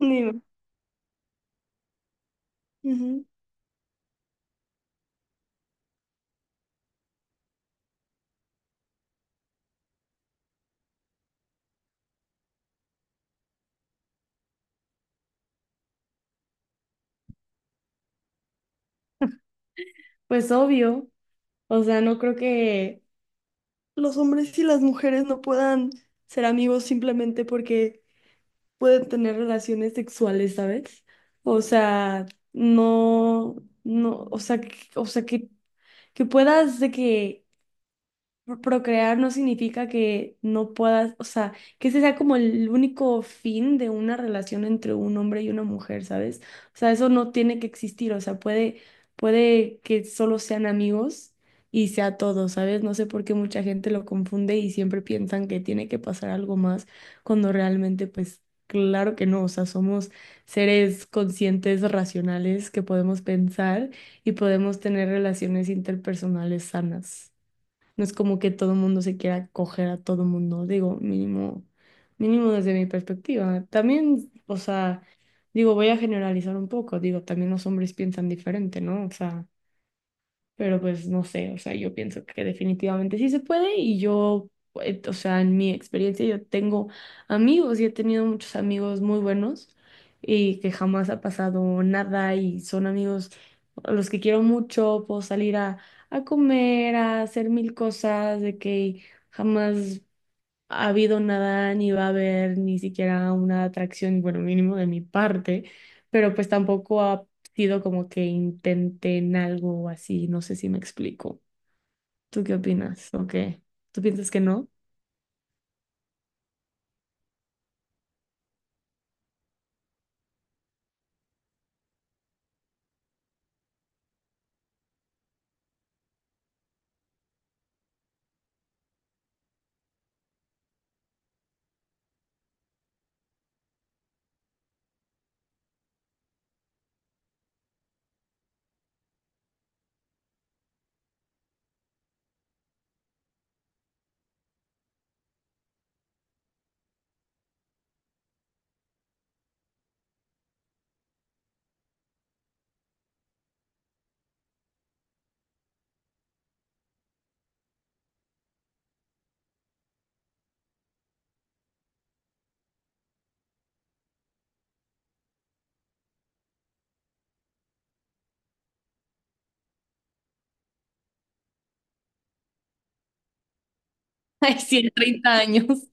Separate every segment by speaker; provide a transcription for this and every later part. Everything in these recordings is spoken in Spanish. Speaker 1: Dime. Ujú. Pues obvio, o sea, no creo que... Los hombres y las mujeres no puedan ser amigos simplemente porque pueden tener relaciones sexuales, ¿sabes? O sea, no, no, o sea, o sea que puedas de que procrear no significa que no puedas, o sea, que ese sea como el único fin de una relación entre un hombre y una mujer, ¿sabes? O sea, eso no tiene que existir, o sea, puede que solo sean amigos y sea todo, ¿sabes? No sé por qué mucha gente lo confunde y siempre piensan que tiene que pasar algo más cuando realmente, pues, claro que no, o sea, somos seres conscientes, racionales, que podemos pensar y podemos tener relaciones interpersonales sanas. No es como que todo el mundo se quiera coger a todo el mundo, digo, mínimo, mínimo desde mi perspectiva. También, o sea, digo, voy a generalizar un poco, digo, también los hombres piensan diferente, ¿no? O sea, pero pues no sé, o sea, yo pienso que definitivamente sí se puede y yo, o sea, en mi experiencia yo tengo amigos y he tenido muchos amigos muy buenos y que jamás ha pasado nada y son amigos a los que quiero mucho, puedo salir a comer, a hacer mil cosas, de que jamás ha habido nada, ni va a haber ni siquiera una atracción, bueno, mínimo de mi parte, pero pues tampoco ha sido como que intenten algo así, no sé si me explico. ¿Tú qué opinas? ¿O qué? ¿Tú piensas que no? Ay, sí, en 30 años.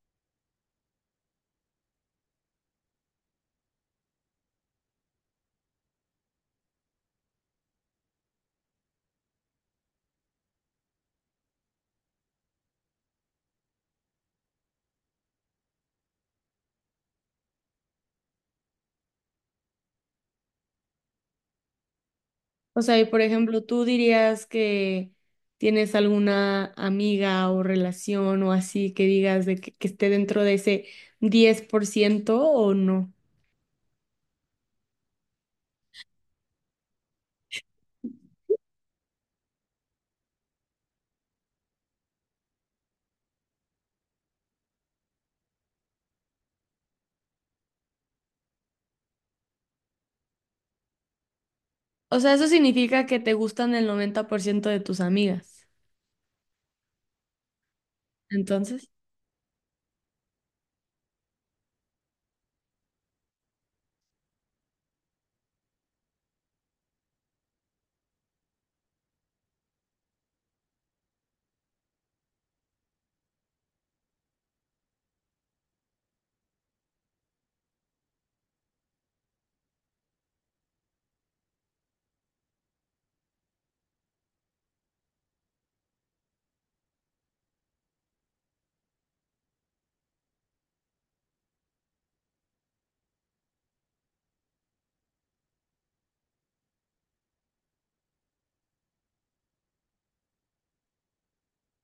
Speaker 1: O sea, y por ejemplo, ¿tú dirías que tienes alguna amiga o relación o así que digas de que esté dentro de ese 10% o no? O sea, eso significa que te gustan el 90% de tus amigas. Entonces.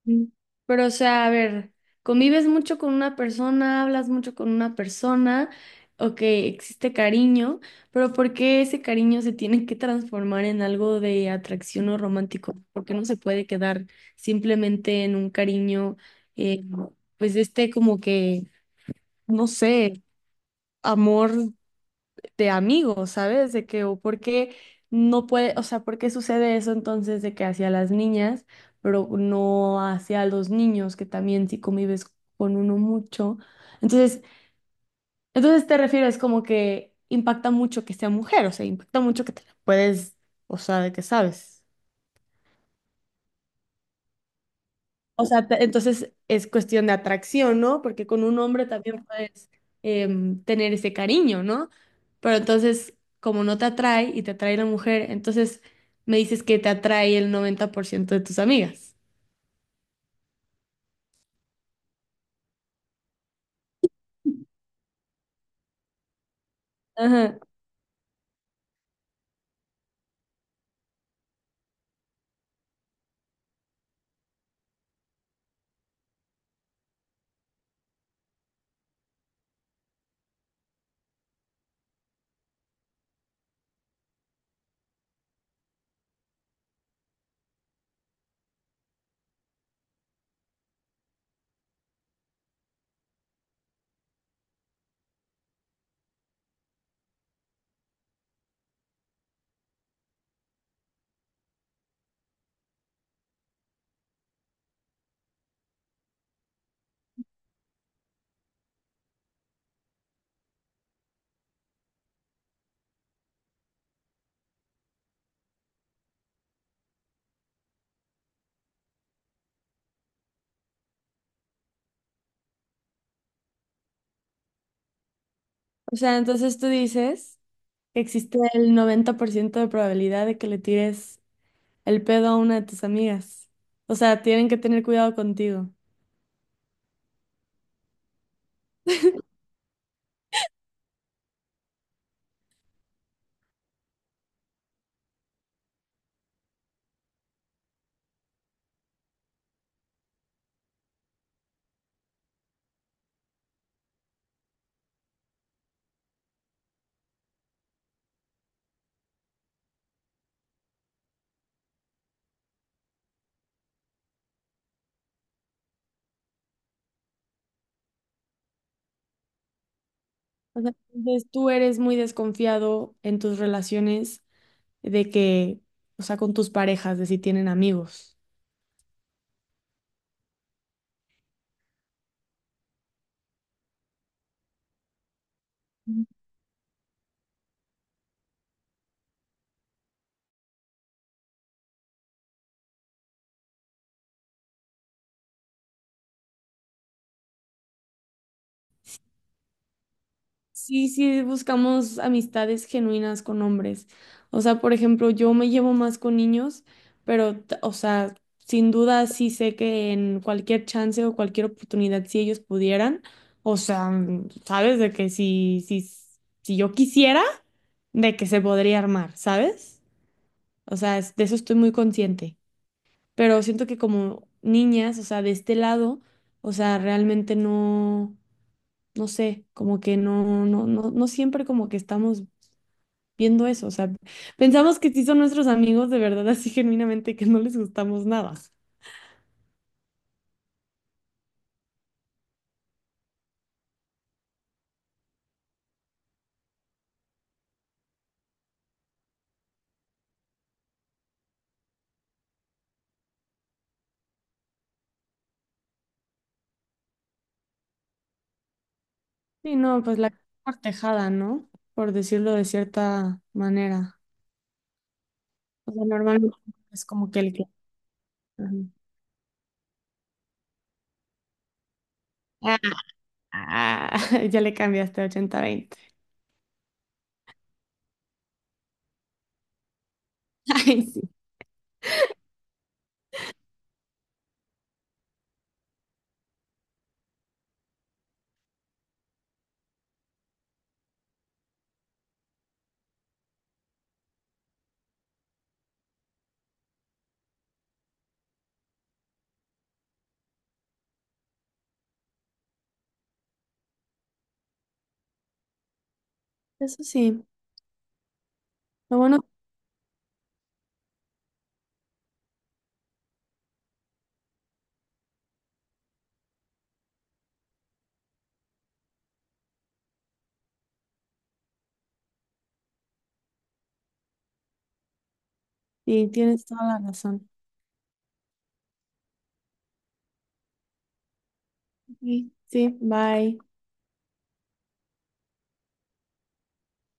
Speaker 1: Mm. Pero, o sea, a ver, convives mucho con una persona, hablas mucho con una persona, ok, existe cariño, pero ¿por qué ese cariño se tiene que transformar en algo de atracción o romántico? ¿Por qué no se puede quedar simplemente en un cariño, eh, pues este como que, no sé, ¿amor? De amigos, ¿sabes? De que, o por qué no puede, o sea, por qué sucede eso entonces de que hacia las niñas, pero no hacia los niños, que también si convives con uno mucho. Entonces, entonces te refieres como que impacta mucho que sea mujer, o sea, impacta mucho que te la puedes, o sea, de que sabes. O sea, entonces es cuestión de atracción, ¿no? Porque con un hombre también puedes tener ese cariño, ¿no? Pero entonces, como no te atrae y te atrae la mujer, entonces me dices que te atrae el 90% de tus amigas. Ajá. O sea, entonces tú dices que existe el 90% de probabilidad de que le tires el pedo a una de tus amigas. O sea, tienen que tener cuidado contigo. O sea, entonces tú eres muy desconfiado en tus relaciones de que, o sea, con tus parejas, de si tienen amigos. Sí, sí, buscamos amistades genuinas con hombres. O sea, por ejemplo, yo me llevo más con niños, pero, o sea, sin duda sí sé que en cualquier chance o cualquier oportunidad, si ellos pudieran, o sea, mm, sabes de que si, si, si yo quisiera, de que se podría armar, ¿sabes? O sea, de eso estoy muy consciente. Pero siento que como niñas, o sea, de este lado, o sea, realmente no, no sé, como que no, no, no, no siempre como que estamos viendo eso, o sea, pensamos que sí son nuestros amigos de verdad, así genuinamente que no les gustamos nada. Sí, no, pues la cortejada, ¿no? Por decirlo de cierta manera. O sea, normalmente es como que el que... Ajá. Ah, ya le cambiaste a 80-20. Ay, sí. Eso sí. Lo bueno, sí, tienes toda la razón. Sí, sí, bye.